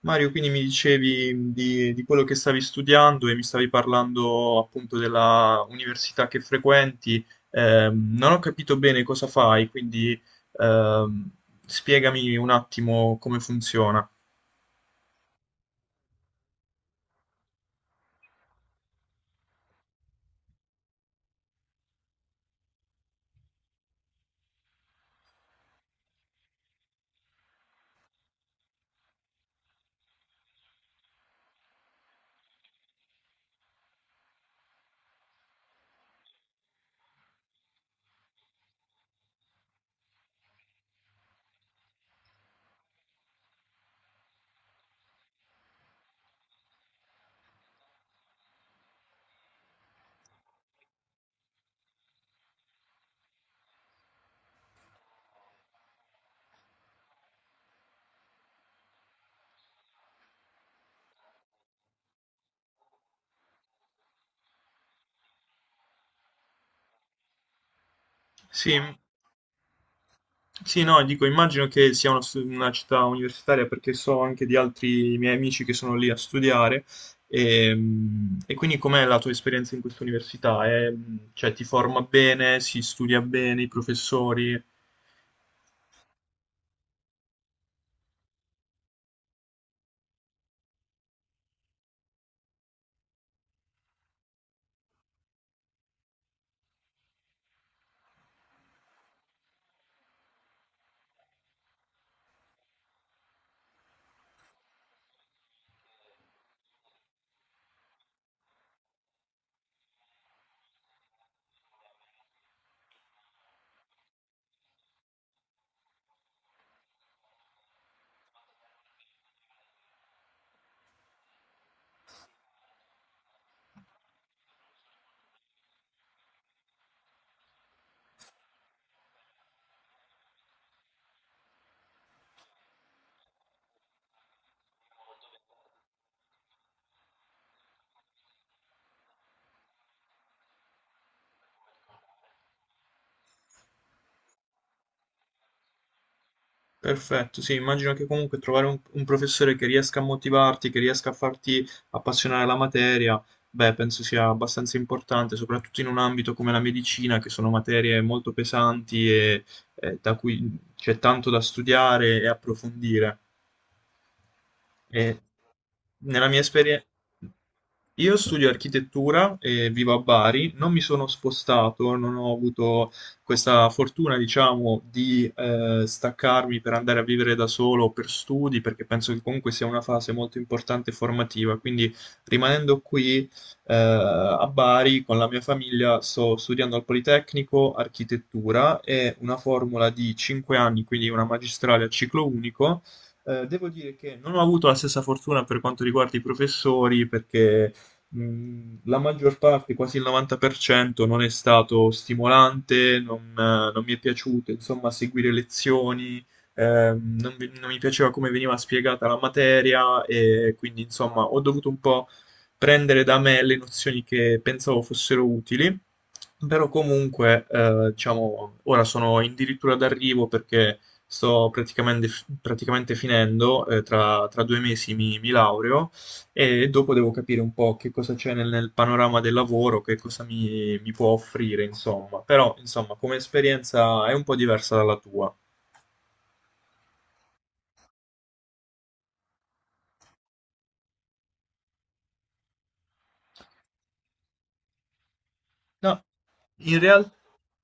Mario, quindi mi dicevi di quello che stavi studiando e mi stavi parlando appunto della università che frequenti. Non ho capito bene cosa fai, quindi ehm, spiegami un attimo come funziona. Sì, sì, no, dico, immagino che sia una, una città universitaria perché so anche di altri miei amici che sono lì a studiare. E quindi com'è la tua esperienza in questa università? Cioè, ti forma bene, si studia bene, i professori? Perfetto, sì, immagino che comunque trovare un professore che riesca a motivarti, che riesca a farti appassionare la materia, beh, penso sia abbastanza importante, soprattutto in un ambito come la medicina, che sono materie molto pesanti e da cui c'è tanto da studiare e approfondire. E nella mia esperienza, io studio architettura e vivo a Bari, non mi sono spostato, non ho avuto questa fortuna, diciamo, di staccarmi per andare a vivere da solo o per studi, perché penso che comunque sia una fase molto importante e formativa. Quindi, rimanendo qui a Bari con la mia famiglia, sto studiando al Politecnico architettura, è una formula di 5 anni, quindi una magistrale a ciclo unico. Devo dire che non ho avuto la stessa fortuna per quanto riguarda i professori, perché la maggior parte, quasi il 90%, non è stato stimolante, non mi è piaciuto, insomma, seguire lezioni, non mi piaceva come veniva spiegata la materia e quindi, insomma, ho dovuto un po' prendere da me le nozioni che pensavo fossero utili, però comunque, diciamo, ora sono addirittura d'arrivo perché Sto praticamente, praticamente finendo. Tra 2 mesi mi laureo e dopo devo capire un po' che cosa c'è nel panorama del lavoro, che cosa mi può offrire, insomma. Però, insomma, come esperienza è un po' diversa dalla tua. No, In real-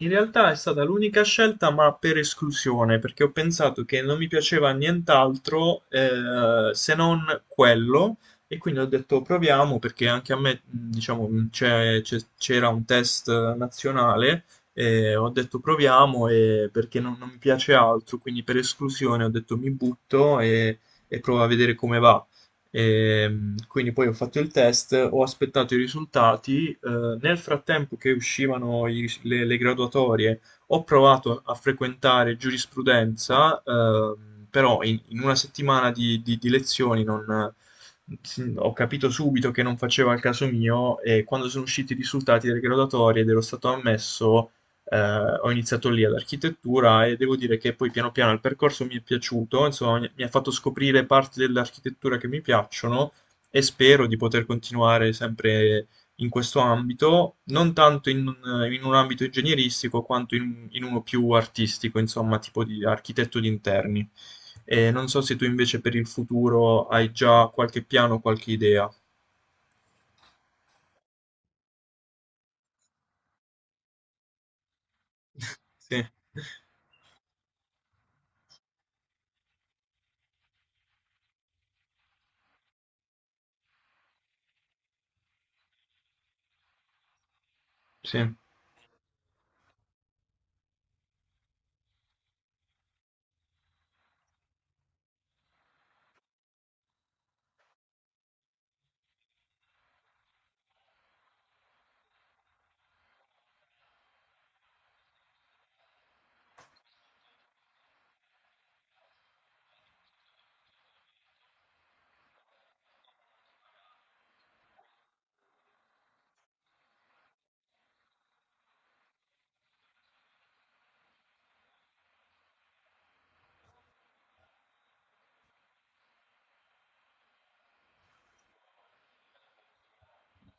in realtà è stata l'unica scelta, ma per esclusione, perché ho pensato che non mi piaceva nient'altro se non quello, e quindi ho detto proviamo, perché anche a me, diciamo, c'era un test nazionale, e ho detto proviamo, e perché non, non mi piace altro, quindi per esclusione ho detto mi butto e provo a vedere come va. Quindi poi ho fatto il test, ho aspettato i risultati. Nel frattempo che uscivano le graduatorie, ho provato a frequentare giurisprudenza, però in una settimana di, di lezioni ho capito subito che non faceva il caso mio e quando sono usciti i risultati delle graduatorie ed ero stato ammesso, eh, ho iniziato lì ad architettura e devo dire che poi piano piano il percorso mi è piaciuto, insomma, mi ha fatto scoprire parti dell'architettura che mi piacciono e spero di poter continuare sempre in questo ambito, non tanto in un ambito ingegneristico quanto in, in uno più artistico, insomma, tipo di architetto di interni. E non so se tu invece per il futuro hai già qualche piano, qualche idea. Sì, sì,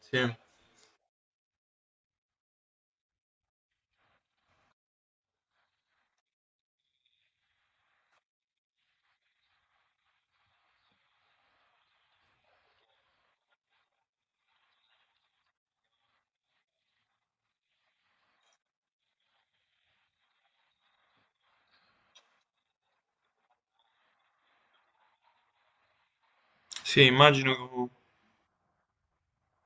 sì. Sì, immagino.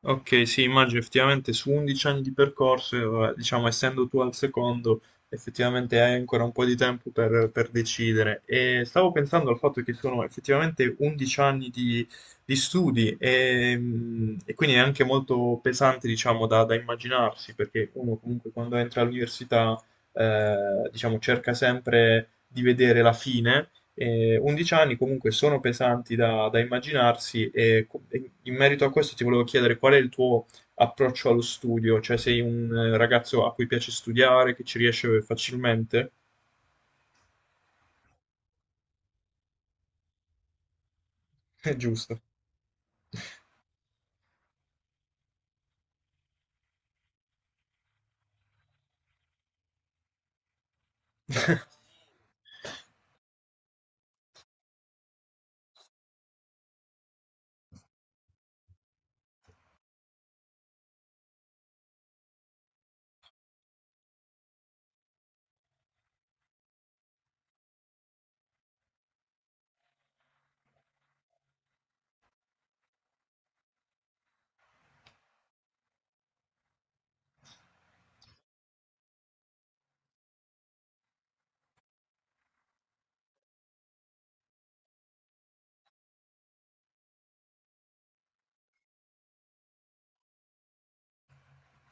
Ok, sì, immagino effettivamente su 11 anni di percorso, vabbè, diciamo, essendo tu al secondo, effettivamente hai ancora un po' di tempo per decidere. E stavo pensando al fatto che sono effettivamente 11 anni di studi e, e quindi è anche molto pesante, diciamo, da, da immaginarsi, perché uno comunque quando entra all'università, diciamo, cerca sempre di vedere la fine. 11 anni comunque sono pesanti da, da immaginarsi e in merito a questo ti volevo chiedere qual è il tuo approccio allo studio, cioè sei un ragazzo a cui piace studiare, che ci riesce facilmente? È giusto.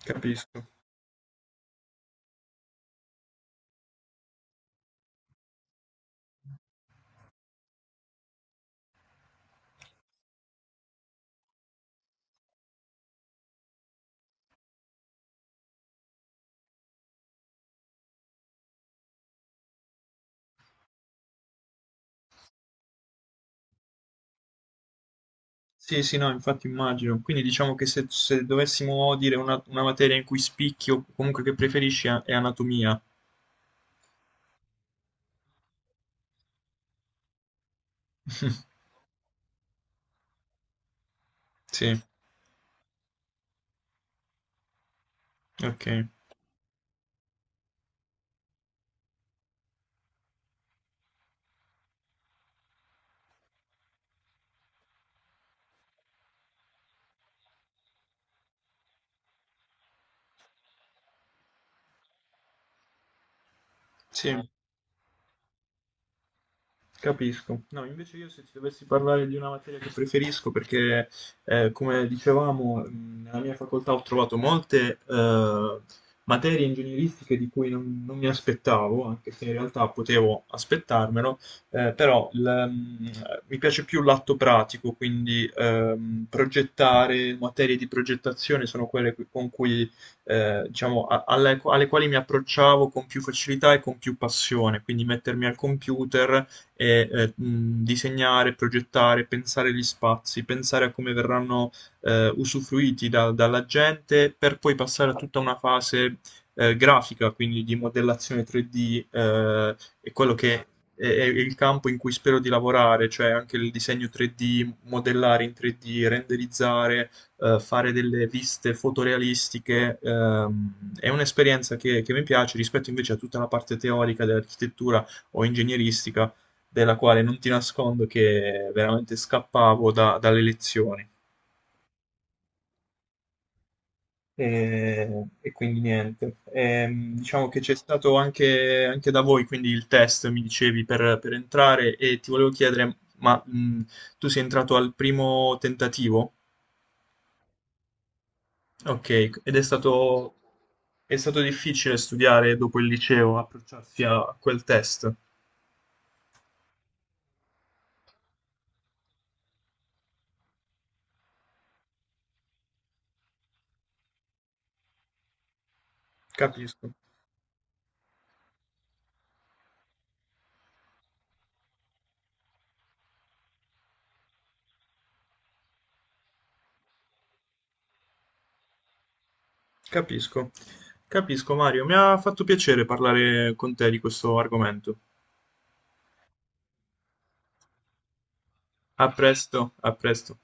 Capisco. Sì, sì, no, infatti immagino. Quindi diciamo che se dovessimo dire una materia in cui spicchi o comunque che preferisci è anatomia. Sì, ok. Sì. Capisco. No, invece io se ti dovessi parlare di una materia che preferisco, perché come dicevamo, nella mia facoltà ho trovato molte materie ingegneristiche di cui non, non mi aspettavo, anche se in realtà potevo aspettarmelo, però mi piace più l'atto pratico, quindi progettare, materie di progettazione sono quelle con cui, diciamo, alle quali mi approcciavo con più facilità e con più passione, quindi mettermi al computer e disegnare, progettare, pensare gli spazi, pensare a come verranno usufruiti dalla gente per poi passare a tutta una fase grafica, quindi di modellazione 3D. È quello che è il campo in cui spero di lavorare, cioè anche il disegno 3D, modellare in 3D, renderizzare, fare delle viste fotorealistiche. È un'esperienza che mi piace rispetto invece a tutta la parte teorica dell'architettura o ingegneristica della quale non ti nascondo che veramente scappavo dalle lezioni. E quindi niente. Diciamo che c'è stato anche, anche da voi, quindi il test, mi dicevi, per entrare e ti volevo chiedere, ma tu sei entrato al primo tentativo? Ok, ed è stato difficile studiare dopo il liceo, approcciarsi a quel test. Capisco, capisco, capisco Mario, mi ha fatto piacere parlare con te di questo argomento. A presto, a presto.